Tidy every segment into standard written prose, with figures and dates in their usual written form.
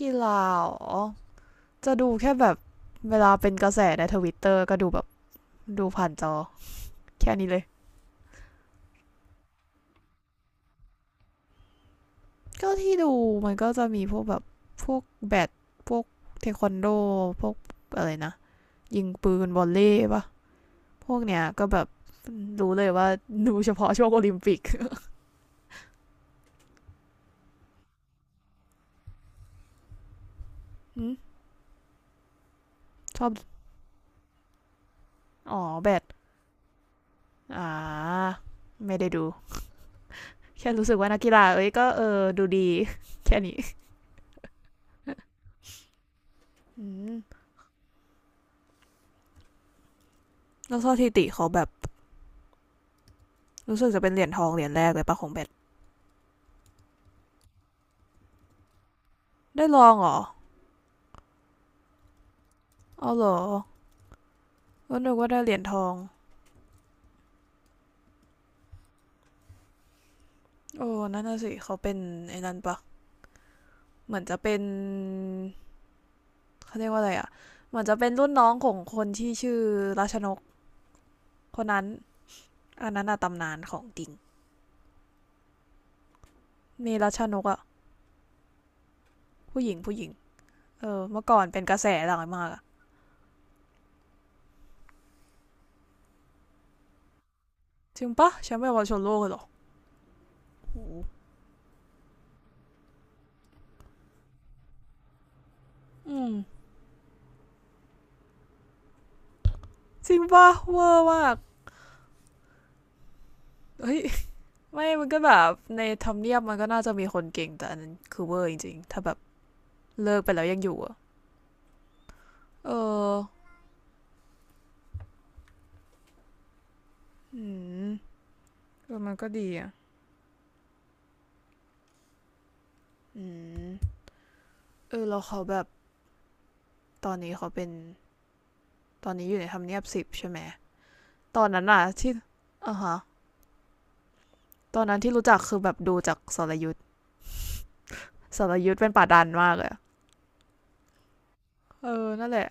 กีฬาอ๋อจะดูแค่แบบเวลาเป็นกระแสในทวิตเตอร์ก็ดูแบบดูผ่านจอแค่นี้เลยก็ที่ดูมันก็จะมีพวกแบบพวกแบดพวกเทควันโดพวกอะไรนะยิงปืนวอลเลย์ปะพวกเนี้ยก็แบบรู้เลยว่าดูเฉพาะช่วงโอลิมปิก อชอบอ๋อแบดอ่าไม่ได้ดูแค่รู้สึกว่านักกีฬาเอ้ยก็เออดูดี แค่นี้อืมแล้วสถิติเขาแบบรู้สึกจะเป็นเหรียญทองเหรียญแรกเลยปะของแบด ได้ลองเหรอเอาเหรอก็นึกว่าได้เหรียญทองโอ้นั่นน่ะสิเขาเป็นไอ้นั่นปะเหมือนจะเป็นเขาเรียกว่าอะไรอ่ะเหมือนจะเป็นรุ่นน้องของคนที่ชื่อราชนกคนนั้นอันนั้นอะตำนานของจริงมีราชนกอะผู้หญิงผู้หญิงเออเมื่อก่อนเป็นกระแสหลังมากอะจริงปะแชม่์เยาชนโลกเลยหรอโหอืมจริงปะเวอร์มากเฮ้ยไม่มันก็แบบในทำเนียบมันก็น่าจะมีคนเก่งแต่อันนั้นคือเวอร์จริงๆถ้าแบบเลิกไปแล้วยังอยู่อะ เอออืมเออมันก็ดีอ่ะ อืมเออแล้วเขาแบบ ตอนนี้เขาเป็น ตอนนี้อยู่ในทำเนียบสิบใช่ไหม ตอนนั้นอะที่อ่ะฮะตอนนั้นที่รู้จักคือแบบดูจากสรยุทธสรยุทธเป็นป่าดันมากเลยเออนั่นแหละ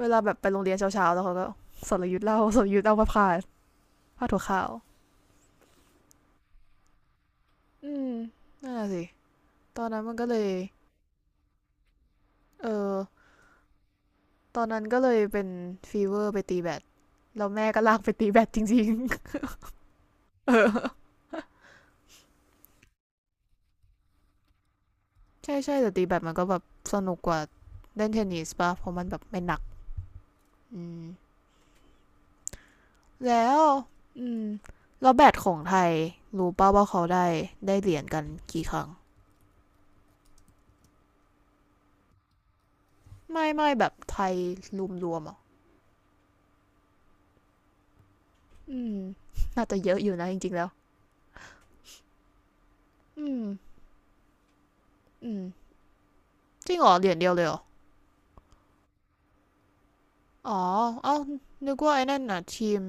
เวลาแบบไปโรงเรียนเช้าๆแล้วเขาก็สรยุทธเล่าสรยุทธเอาผ้าพาผ้าถั่วขาวอืมนั่นแหละสิตอนนั้นมันก็เลยเออตอนนั้นก็เลยเป็นฟีเวอร์ไปตีแบดแล้วแม่ก็ลากไปตีแบดจริงๆ เออ ใช่ใช่แต่ตีแบดมันก็แบบสนุกกว่าเล่นเทนนิสป่ะเพราะมันแบบไม่หนักอืมแล้วอืมแล้วแบดของไทยรู้ป่าว่าเขาได้ได้เหรียญกันกี่ครั้งไม่ไม่แบบไทยรวมๆอ่ะอืมน่าจะเยอะอยู่นะจริงๆแล้วอืมอืมจริงเหรอเหรียญเดียวเลยเหรออ๋อเอ้านึกว่าไอ้นั่นน่ะทีม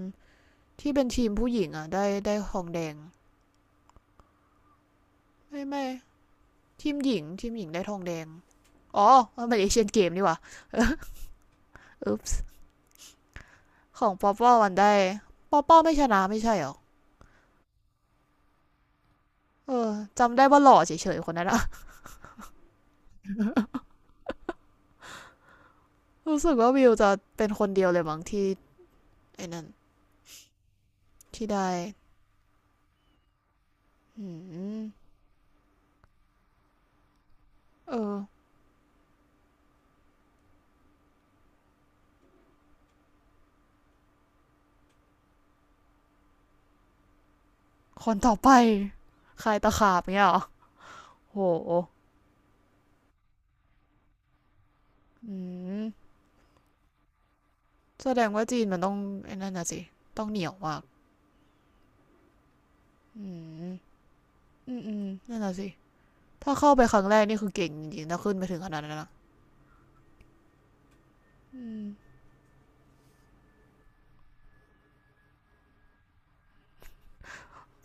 ที่เป็นทีมผู้หญิงอ่ะได้ทองแดงไม่ไม่ทีมหญิงทีมหญิงได้ทองแดงอ๋อมันเป็นเอเชียนเกมนี่หว่าเออ ของป๊อปป้อมันได้ป๊อปป้อไม่ชนะไม่ใช่หรอเออจำได้ว่าหล่อเฉยๆคนนั้นอะ รู้สึกว่าวิวจะเป็นคนเดียวเลยมั้งที่ไอ้นั่นที่ได้อืมเออคนต่อไปใครตะขาบเงี้ยหรอโหอืมแสดงว่าจีนมันต้องไอ้นั่นน่ะสิต้องเหนียวมากอืมอืมนั่นน่ะสิถ้าเข้าไปครั้งแรกนี่คือเก่งจริงๆถ้าขึ้นไปถึงขนาดนั้นนะอ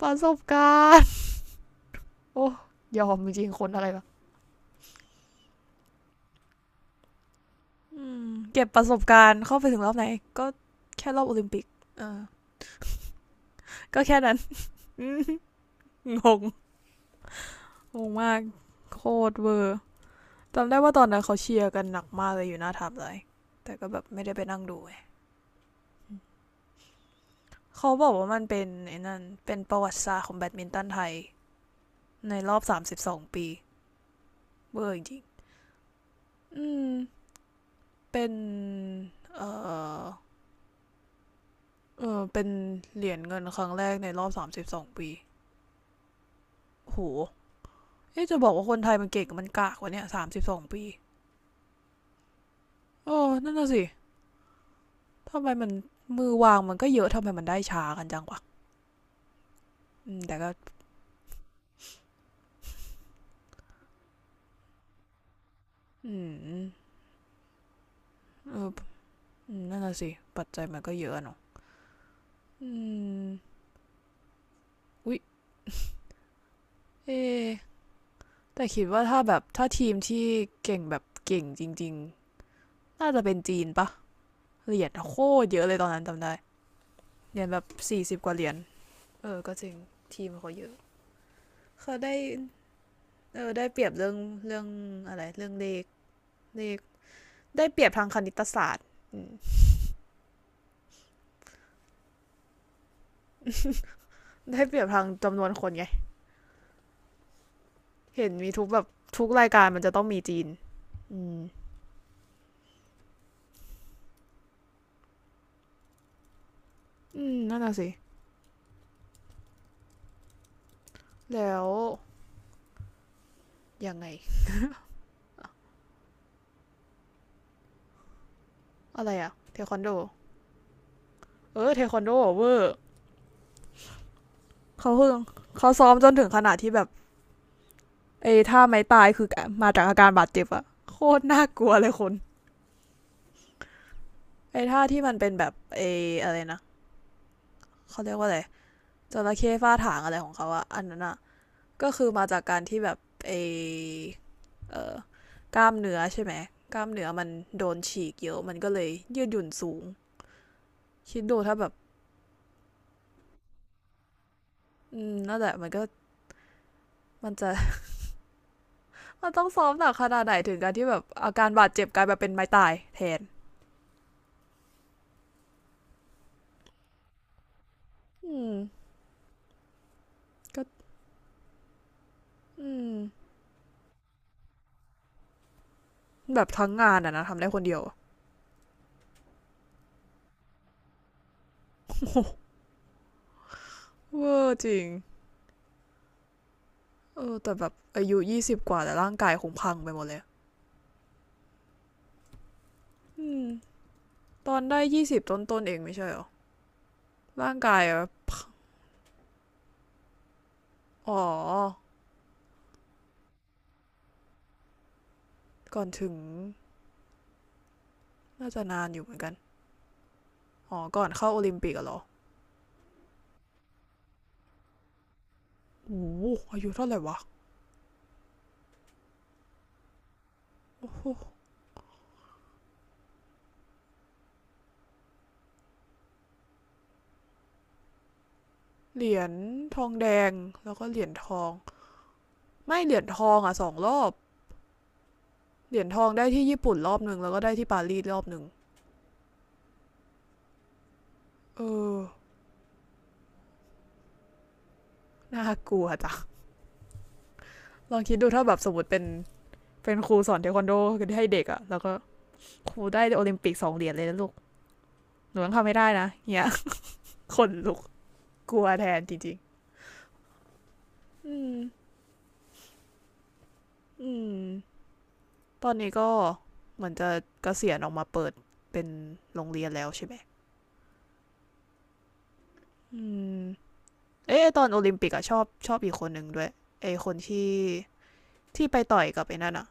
ประสบการณ์โอ้ยอมจริงๆคนอะไร อืมเก็บประสบการณ์เข้าไปถึงรอบไหนก็แค่รอบโอลิมปิกเออ ก็แค่นั้น อืงงงงมากโคตรเวอร์จำได้ว่าตอนนั้นเขาเชียร์กันหนักมากเลยอยู่หน้าทับเลยแต่ก็แบบไม่ได้ไปนั่งดูเขาบอกว่ามันเป็นไอ้นั่นเป็นประวัติศาสตร์ของแบดมินตันไทยในรอบ32ปีเวอร์จริงอืมเป็นเออเออเป็นเหรียญเงินครั้งแรกในรอบสามสิบสองปีโห เอ๊ะจะบอกว่าคนไทยมันเก่งมันกากกว่าเนี่ยสามสิบสองปีโอ้นั่นน่ะสิทำไมมันมือวางมันก็เยอะทำไมมันได้ช้ากันจังวะอืมแต่ก็อืมเอออนั่นน่ะสิปัจจัยมันก็เยอะเนาะอืมอุ๊ยเอะแต่คิดว่าถ้าแบบถ้าทีมที่เก่งแบบเก่งจริงๆน่าจะเป็นจีนปะเหรียญโคตรเยอะเลยตอนนั้นจำได้เหรียญแบบ40กว่าเหรียญเออก็จริงทีมเขาเยอะเขาได้เออได้เปรียบเรื่องเรื่องอะไรเรื่องเลขเลข ได้เปรียบทางคณิตศาสตร์ได้เปรียบทางจำนวนคนไงเห็นมีทุกแบบทุกรายการมันจะต้องมีจีนอืมอืมนั่นน่ะสิแล้วยังไงอะไรอะเทควันโดเออเทควันโดเวอร์เขาเพิ่งเขาซ้อมจนถึงขนาดที่แบบไอ้ท่าไม้ตายคือมาจากอาการบาดเจ็บอะโคตรน่ากลัวเลยคนไอ้ท่าที่มันเป็นแบบไอ้อะไรนะเขาเรียกว่าอะไรจระเข้ฟาดถางอะไรของเขาอะอันนั้นอะก็คือมาจากการที่แบบไอ้ เอ่อกล้ามเนื้อใช่ไหมกล้ามเนื้อมันโดนฉีกเยอะ มันก็เลยยืดหยุ่นสูง คิดดูถ้าแบบอืมนั่นแหละมันก็มันจะ มันต้องซ้อมหนักขนาดไหนถึงการที่แบบอาการบาดเจ็บกลายมาเป็นไม้ตายแทนอืมก็อืมแบบทั้งงานอะนะทำได้คนเดียว โอ้โหเวอร์จริงเออแต่แบบอายุยี่สิบกว่าแต่ร่างกายคงพังไปหมดเลยอืมตอนได้ยี่สิบต้นๆเองไม่ใช่เหรอ ร่างกายอ๋อก่อนถึงน่าจะนานอยู่เหมือนกัน อ๋อก่อนเข้าโอลิมปิกอะเหรอโอ้โหอายุเท่าไหร่วะเหรียญทองแดง แล้วก็เหรียญทอง ไม่เหรียญทองอ่ะสองรอบเหรียญทองได้ที่ญี่ปุ่นรอบหนึ่งแล้วก็ได้ที่ปารีสรอบหนึ่ง เออน่ากลัวจ้ะลองคิดดูถ้าแบบสมมติเป็นครูสอนเทควันโดให้เด็กอะแล้วก็ครูได้โอลิมปิกสองเหรียญเลยนะลูกหนูยังทำไม่ได้นะเนี่ย คนลุกกลัวแทนจริงๆอืมอืมตอนนี้ก็เหมือนจะเกษียณออกมาเปิดเป็นโรงเรียนแล้วใช่ไหมอืม เอ๊ะตอนโอลิมปิกอะชอบอีกคนหนึ่งด้วยไอคนที่ที่ไปต่อยกับไอ้นั่นอะ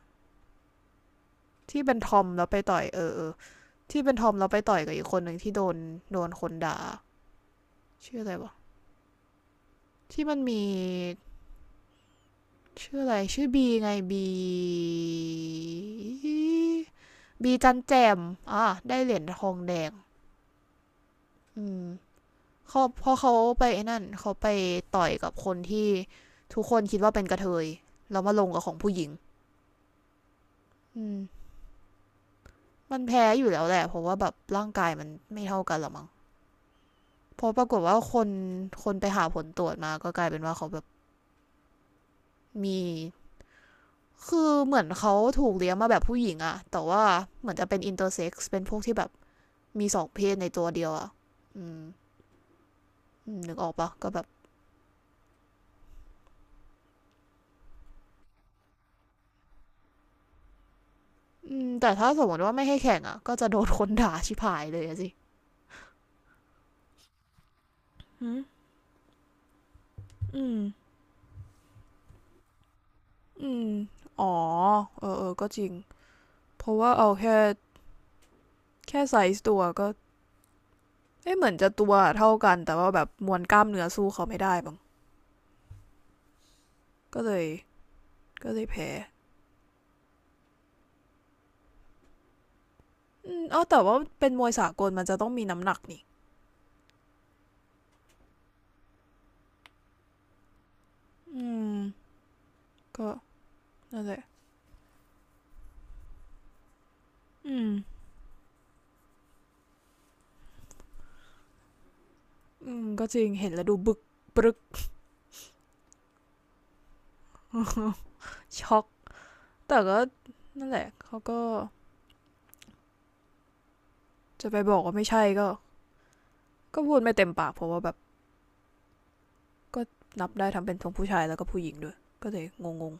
ที่เป็นทอมแล้วไปต่อยเออที่เป็นทอมแล้วไปต่อยกับอีกคนหนึ่งที่โดนคนด่าชื่ออะไรวะที่มันมีชื่ออะไรชื่อบีไงบีจันแจมอ่ะได้เหรียญทองแดงอืมเขาพอเขาไปไอ้นั่นเขาไปต่อยกับคนที่ทุกคนคิดว่าเป็นกระเทยแล้วมาลงกับของผู้หญิงอืม มันแพ้อยู่แล้วแหละเพราะว่าแบบร่างกายมันไม่เท่ากันหรอมั้งเพราะปรากฏว่าคนไปหาผลตรวจมาก็กลายเป็นว่าเขาแบบมีคือเหมือนเขาถูกเลี้ยงมาแบบผู้หญิงอะแต่ว่าเหมือนจะเป็นอินเตอร์เซ็กซ์เป็นพวกที่แบบมีสองเพศในตัวเดียวอะอืมนึกออกปะก็แบบอืมแต่ถ้าสมมติว่าไม่ให้แข่งอะก็จะโดนคนด่าชิบหายเลยสิอืมอืมอืมเพราะวก็เอ้ะแบบมวย้างก็เลยแพ้อืมอ๋อแต่ว่าเป็นมวยสากลมันจะต้องมีน้ำหนักนี่อืมก็ นั่นแหละอืมก็จริงเห็นแล้วดูบึกปรึก ช็อก แต่ก็ นั่นแหละ เขาก็จะไปบอกว่าไม่ใช่ก็ ก็พูดไม่เต็มปากเพราะว่าแบบก็นับได้ทั้งเป็นทั้งผู้ชายแล้วก็ผู้หญิงด้วย ก็เลยงงง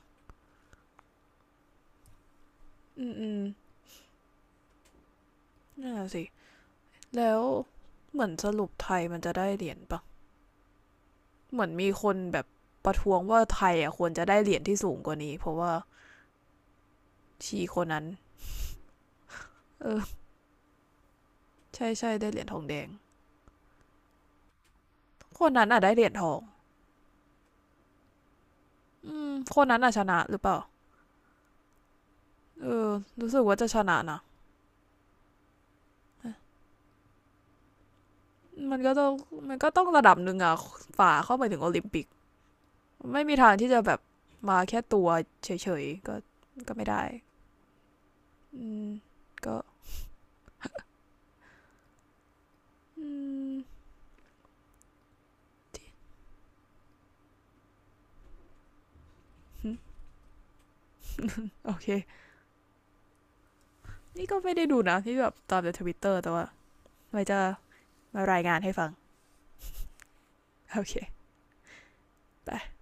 อืมนั่นแหละสิ แล้ว เหมือนสรุปไทยมันจะได้เหรียญปะ เหมือนมีคนแบบประท้วงว่าไทยอ่ะควรจะได้เหรียญที่สูงกว่านี้เพราะว่าชีคนนั้นเออใช่ได้เหรียญทองแดงคนนั้นอ่ะได้เหรียญทองอืมคนนั้นอ่ะชนะหรือเปล่า เออรู้สึกว่าจะชนะนะมันก็ต้องระดับหนึ่งอะฝ่าเข้าไปถึงโอลิมปิกไม่มีทางที่จะแบบแค่ตัวเฉยๆก็ไม่ได้อืมก็อืมนี่ก็ไม่ได้ดูนะที่แบบตามในทวิตเตอร์แต่ว่าไว้จะมารายงานให้ฟังโอเคไป